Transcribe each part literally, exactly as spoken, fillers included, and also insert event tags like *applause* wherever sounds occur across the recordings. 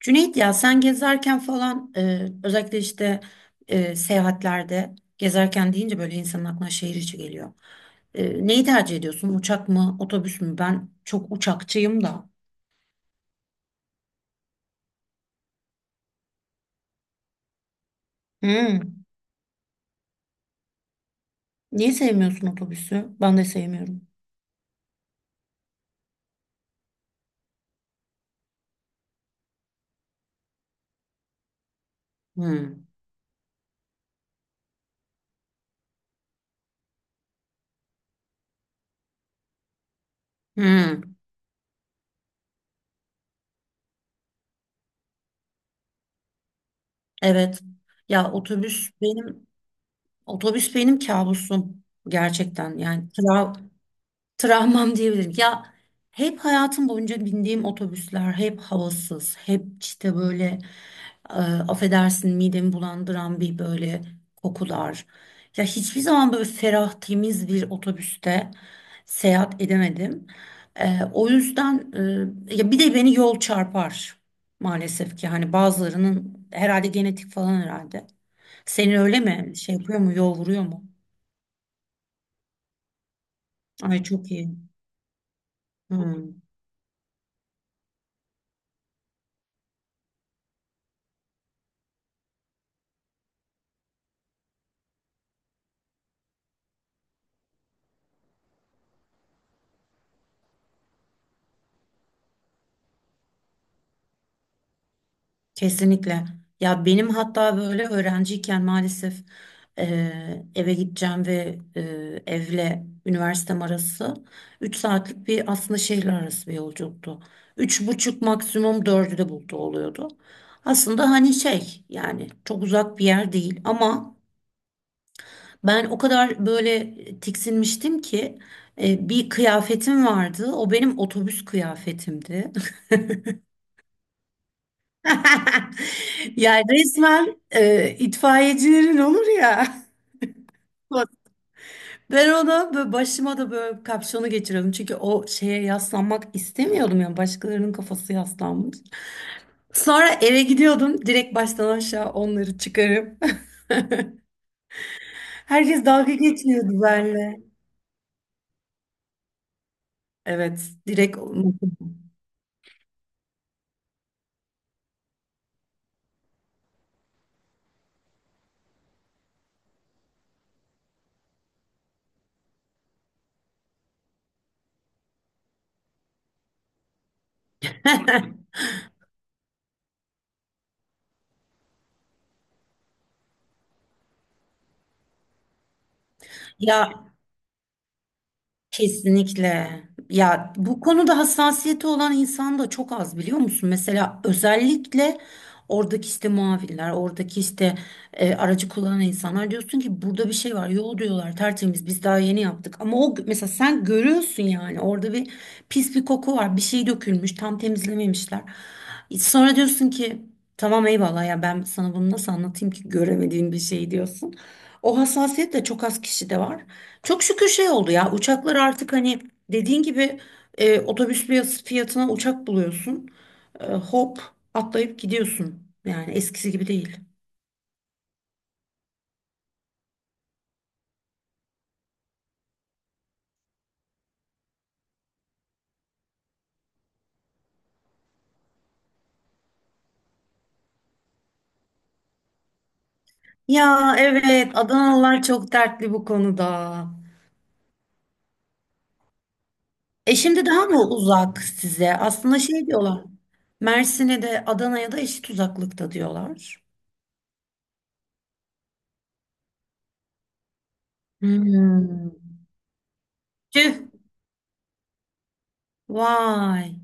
Cüneyt ya sen gezerken falan, e, özellikle işte e, seyahatlerde gezerken deyince böyle insanın aklına şehir içi geliyor. E, neyi tercih ediyorsun? Uçak mı, otobüs mü? Ben çok uçakçıyım da. Hmm. Niye sevmiyorsun otobüsü? Ben de sevmiyorum. Hmm. Hmm. Evet. Ya otobüs benim otobüs benim kabusum gerçekten. Yani tra- travmam diyebilirim. Ya hep hayatım boyunca bindiğim otobüsler hep havasız, hep işte böyle, e, affedersin, midemi bulandıran bir böyle kokular. Ya hiçbir zaman böyle ferah, temiz bir otobüste seyahat edemedim. E, o yüzden, e, ya bir de beni yol çarpar maalesef ki, hani bazılarının herhalde genetik falan herhalde. Senin öyle mi? Şey yapıyor mu? Yol vuruyor mu? Ay çok iyi. Hmm. Kesinlikle. Ya benim hatta böyle öğrenciyken maalesef, e, eve gideceğim ve e, evle üniversitem arası üç saatlik bir, aslında şehirler arası bir yolculuktu. Üç buçuk, maksimum dördü de buldu oluyordu. Aslında hani şey yani çok uzak bir yer değil, ama ben o kadar böyle tiksinmiştim ki, e, bir kıyafetim vardı. O benim otobüs kıyafetimdi. *laughs* Ya resmen, e, itfaiyecilerin olur ya. Ben ona böyle, başıma da böyle kapşonu geçiriyordum. Çünkü o şeye yaslanmak istemiyordum yani, başkalarının kafası yaslanmış. Sonra eve gidiyordum direkt, baştan aşağı onları çıkarıp. *laughs* Herkes dalga geçiyordu benimle. Evet, direkt. *laughs* *laughs* Ya, kesinlikle. Ya, bu konuda hassasiyeti olan insan da çok az, biliyor musun? Mesela özellikle oradaki işte muavinler, oradaki işte, e, aracı kullanan insanlar, diyorsun ki burada bir şey var. Yol, diyorlar, tertemiz, biz daha yeni yaptık. Ama o mesela, sen görüyorsun yani, orada bir pis bir koku var. Bir şey dökülmüş, tam temizlememişler. Sonra diyorsun ki, tamam eyvallah ya, ben sana bunu nasıl anlatayım ki, göremediğin bir şey, diyorsun. O hassasiyet de çok az kişide var. Çok şükür şey oldu ya, uçaklar artık hani, dediğin gibi, e, otobüs fiyat- fiyatına uçak buluyorsun. E, hop atlayıp gidiyorsun. Yani eskisi gibi değil. Ya evet, Adanalılar çok dertli bu konuda. E, şimdi daha mı uzak size? Aslında şey diyorlar. Mersin'e de Adana'ya da eşit uzaklıkta diyorlar. Hmm. Tüh. Vay.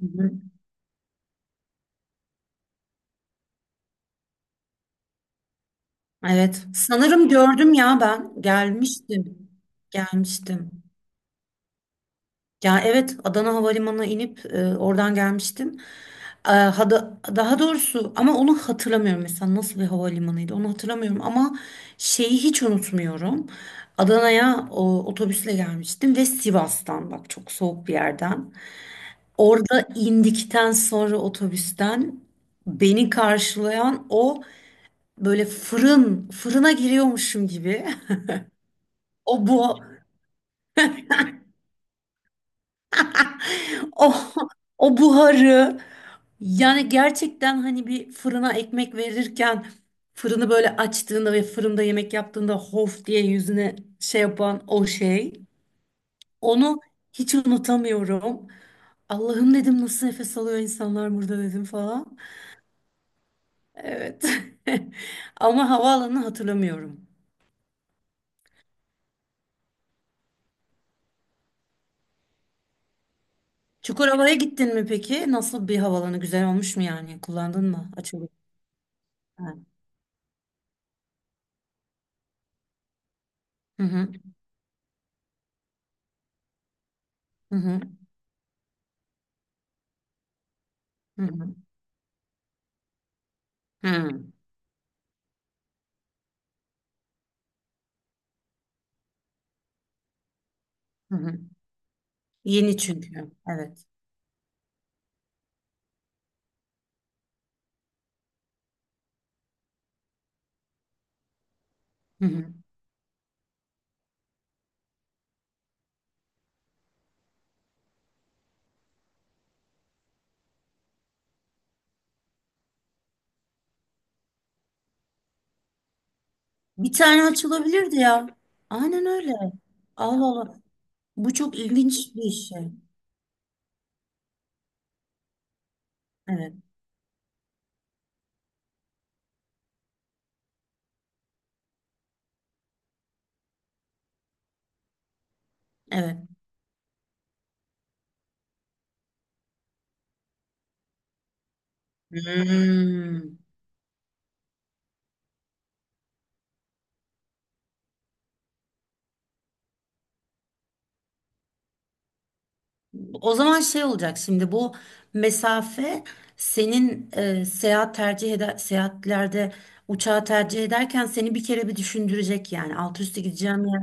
Hı hı. Evet. Sanırım gördüm ya ben. Gelmiştim. Gelmiştim. Ya evet, Adana Havalimanı'na inip, e, oradan gelmiştim. E, hada- daha doğrusu, ama onu hatırlamıyorum mesela, nasıl bir havalimanıydı onu hatırlamıyorum, ama şeyi hiç unutmuyorum. Adana'ya o, otobüsle gelmiştim ve Sivas'tan, bak, çok soğuk bir yerden. Orada indikten sonra otobüsten beni karşılayan o, böyle fırın fırına giriyormuşum gibi. *laughs* o bu O, *laughs* o buharı, yani gerçekten hani, bir fırına ekmek verirken, fırını böyle açtığında ve fırında yemek yaptığında hof diye yüzüne şey yapan o şey. Onu hiç unutamıyorum. Allah'ım, dedim, nasıl nefes alıyor insanlar burada, dedim falan. Evet. *laughs* Ama havaalanını hatırlamıyorum. Çukurova'ya gittin mi peki? Nasıl bir havalanı? Güzel olmuş mu yani? Kullandın mı? Açıldı. Ha. Hı hı. Hı hı. Hı hı. Hı hı. Hı hı. Yeni çünkü. Evet. Hı hı. Bir tane açılabilirdi ya. Aynen öyle. Allah Allah. Bu çok ilginç bir şey. Evet. Evet. Hmm. O zaman şey olacak şimdi, bu mesafe, senin, e, seyahat tercih eder seyahatlerde uçağı tercih ederken seni bir kere bir düşündürecek, yani alt üstü gideceğim yer.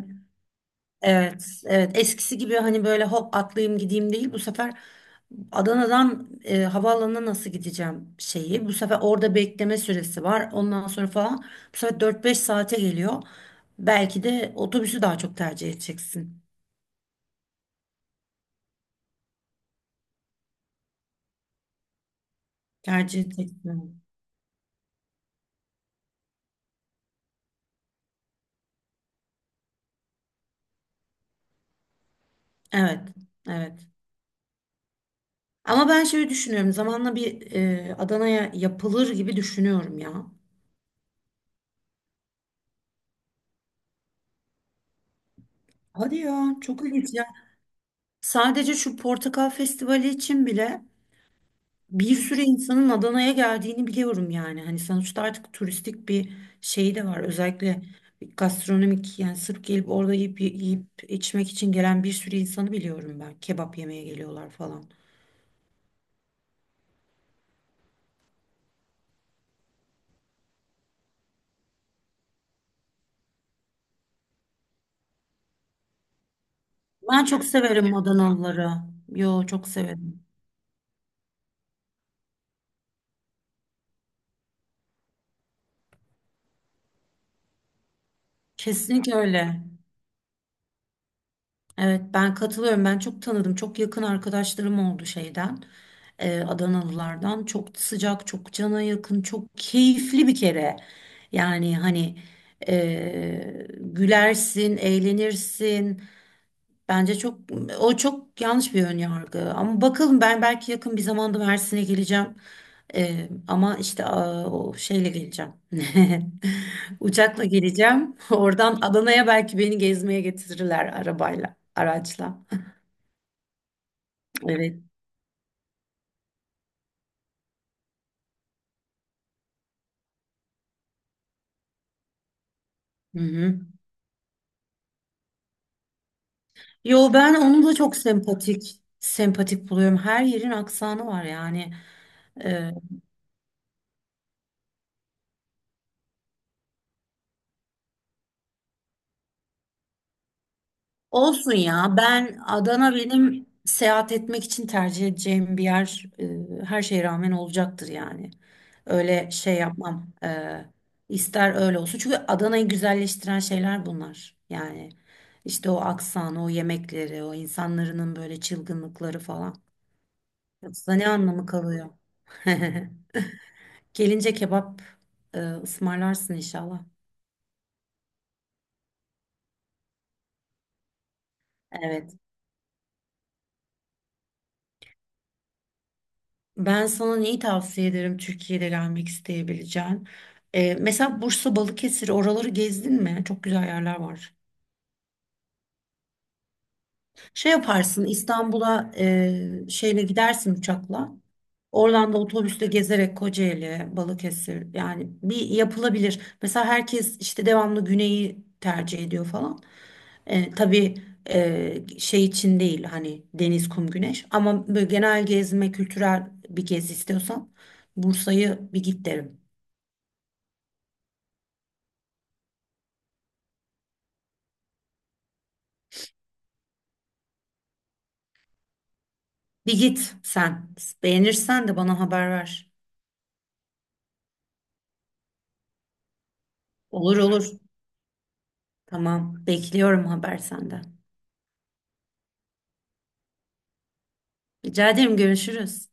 Evet, evet. Eskisi gibi hani böyle hop atlayayım gideyim değil. Bu sefer Adana'dan, e, havaalanına nasıl gideceğim şeyi. Bu sefer orada bekleme süresi var. Ondan sonra falan. Bu sefer dört beş saate geliyor. Belki de otobüsü daha çok tercih edeceksin. Tercih edeceksin. Evet. Evet. Ama ben şöyle düşünüyorum, zamanla bir, e, Adana'ya yapılır gibi düşünüyorum ya. Hadi ya, çok ilginç. Ya sadece şu portakal festivali için bile bir sürü insanın Adana'ya geldiğini biliyorum yani. Hani sonuçta artık turistik bir şey de var. Özellikle gastronomik, yani sırf gelip orada yiyip, yiyip içmek için gelen bir sürü insanı biliyorum ben. Kebap yemeye geliyorlar falan. Ben çok severim Adanalıları. Yo, çok severim. Kesinlikle öyle. Evet, ben katılıyorum. Ben çok tanıdım. Çok yakın arkadaşlarım oldu şeyden, e, Adanalılardan. Çok sıcak, çok cana yakın, çok keyifli bir kere. Yani hani, e, gülersin, eğlenirsin. Bence çok, o çok yanlış bir ön yargı. Ama bakalım, ben belki yakın bir zamanda Mersin'e geleceğim. Ee, ama işte, aa, o şeyle geleceğim. *laughs* Uçakla geleceğim. Oradan Adana'ya belki beni gezmeye getirirler, arabayla, araçla. Evet. Hı hı. Yo, ben onu da çok sempatik sempatik buluyorum. Her yerin aksanı var yani. Ee, Olsun ya. Ben Adana benim seyahat etmek için tercih edeceğim bir yer, e, her şeye rağmen olacaktır yani. Öyle şey yapmam. E, ister öyle olsun. Çünkü Adana'yı güzelleştiren şeyler bunlar. Yani işte, o aksanı, o yemekleri, o insanların böyle çılgınlıkları falan. Yoksa ne anlamı kalıyor? *laughs* Gelince kebap, e, ısmarlarsın inşallah. Evet. Ben sana neyi tavsiye ederim Türkiye'de gelmek isteyebileceğin? Ee, mesela Bursa, Balıkesir, oraları gezdin mi? Çok güzel yerler var. Şey yaparsın, İstanbul'a, e, şeyle gidersin, uçakla. Oradan da otobüsle gezerek Kocaeli, Balıkesir yani, bir yapılabilir. Mesela herkes işte devamlı güneyi tercih ediyor falan. E, tabii, e, şey için değil hani, deniz, kum, güneş, ama böyle genel gezme, kültürel bir gezi istiyorsan, Bursa'yı bir git derim. Bir git sen. Beğenirsen de bana haber ver. Olur olur. Tamam. Bekliyorum haber senden. Rica ederim, görüşürüz.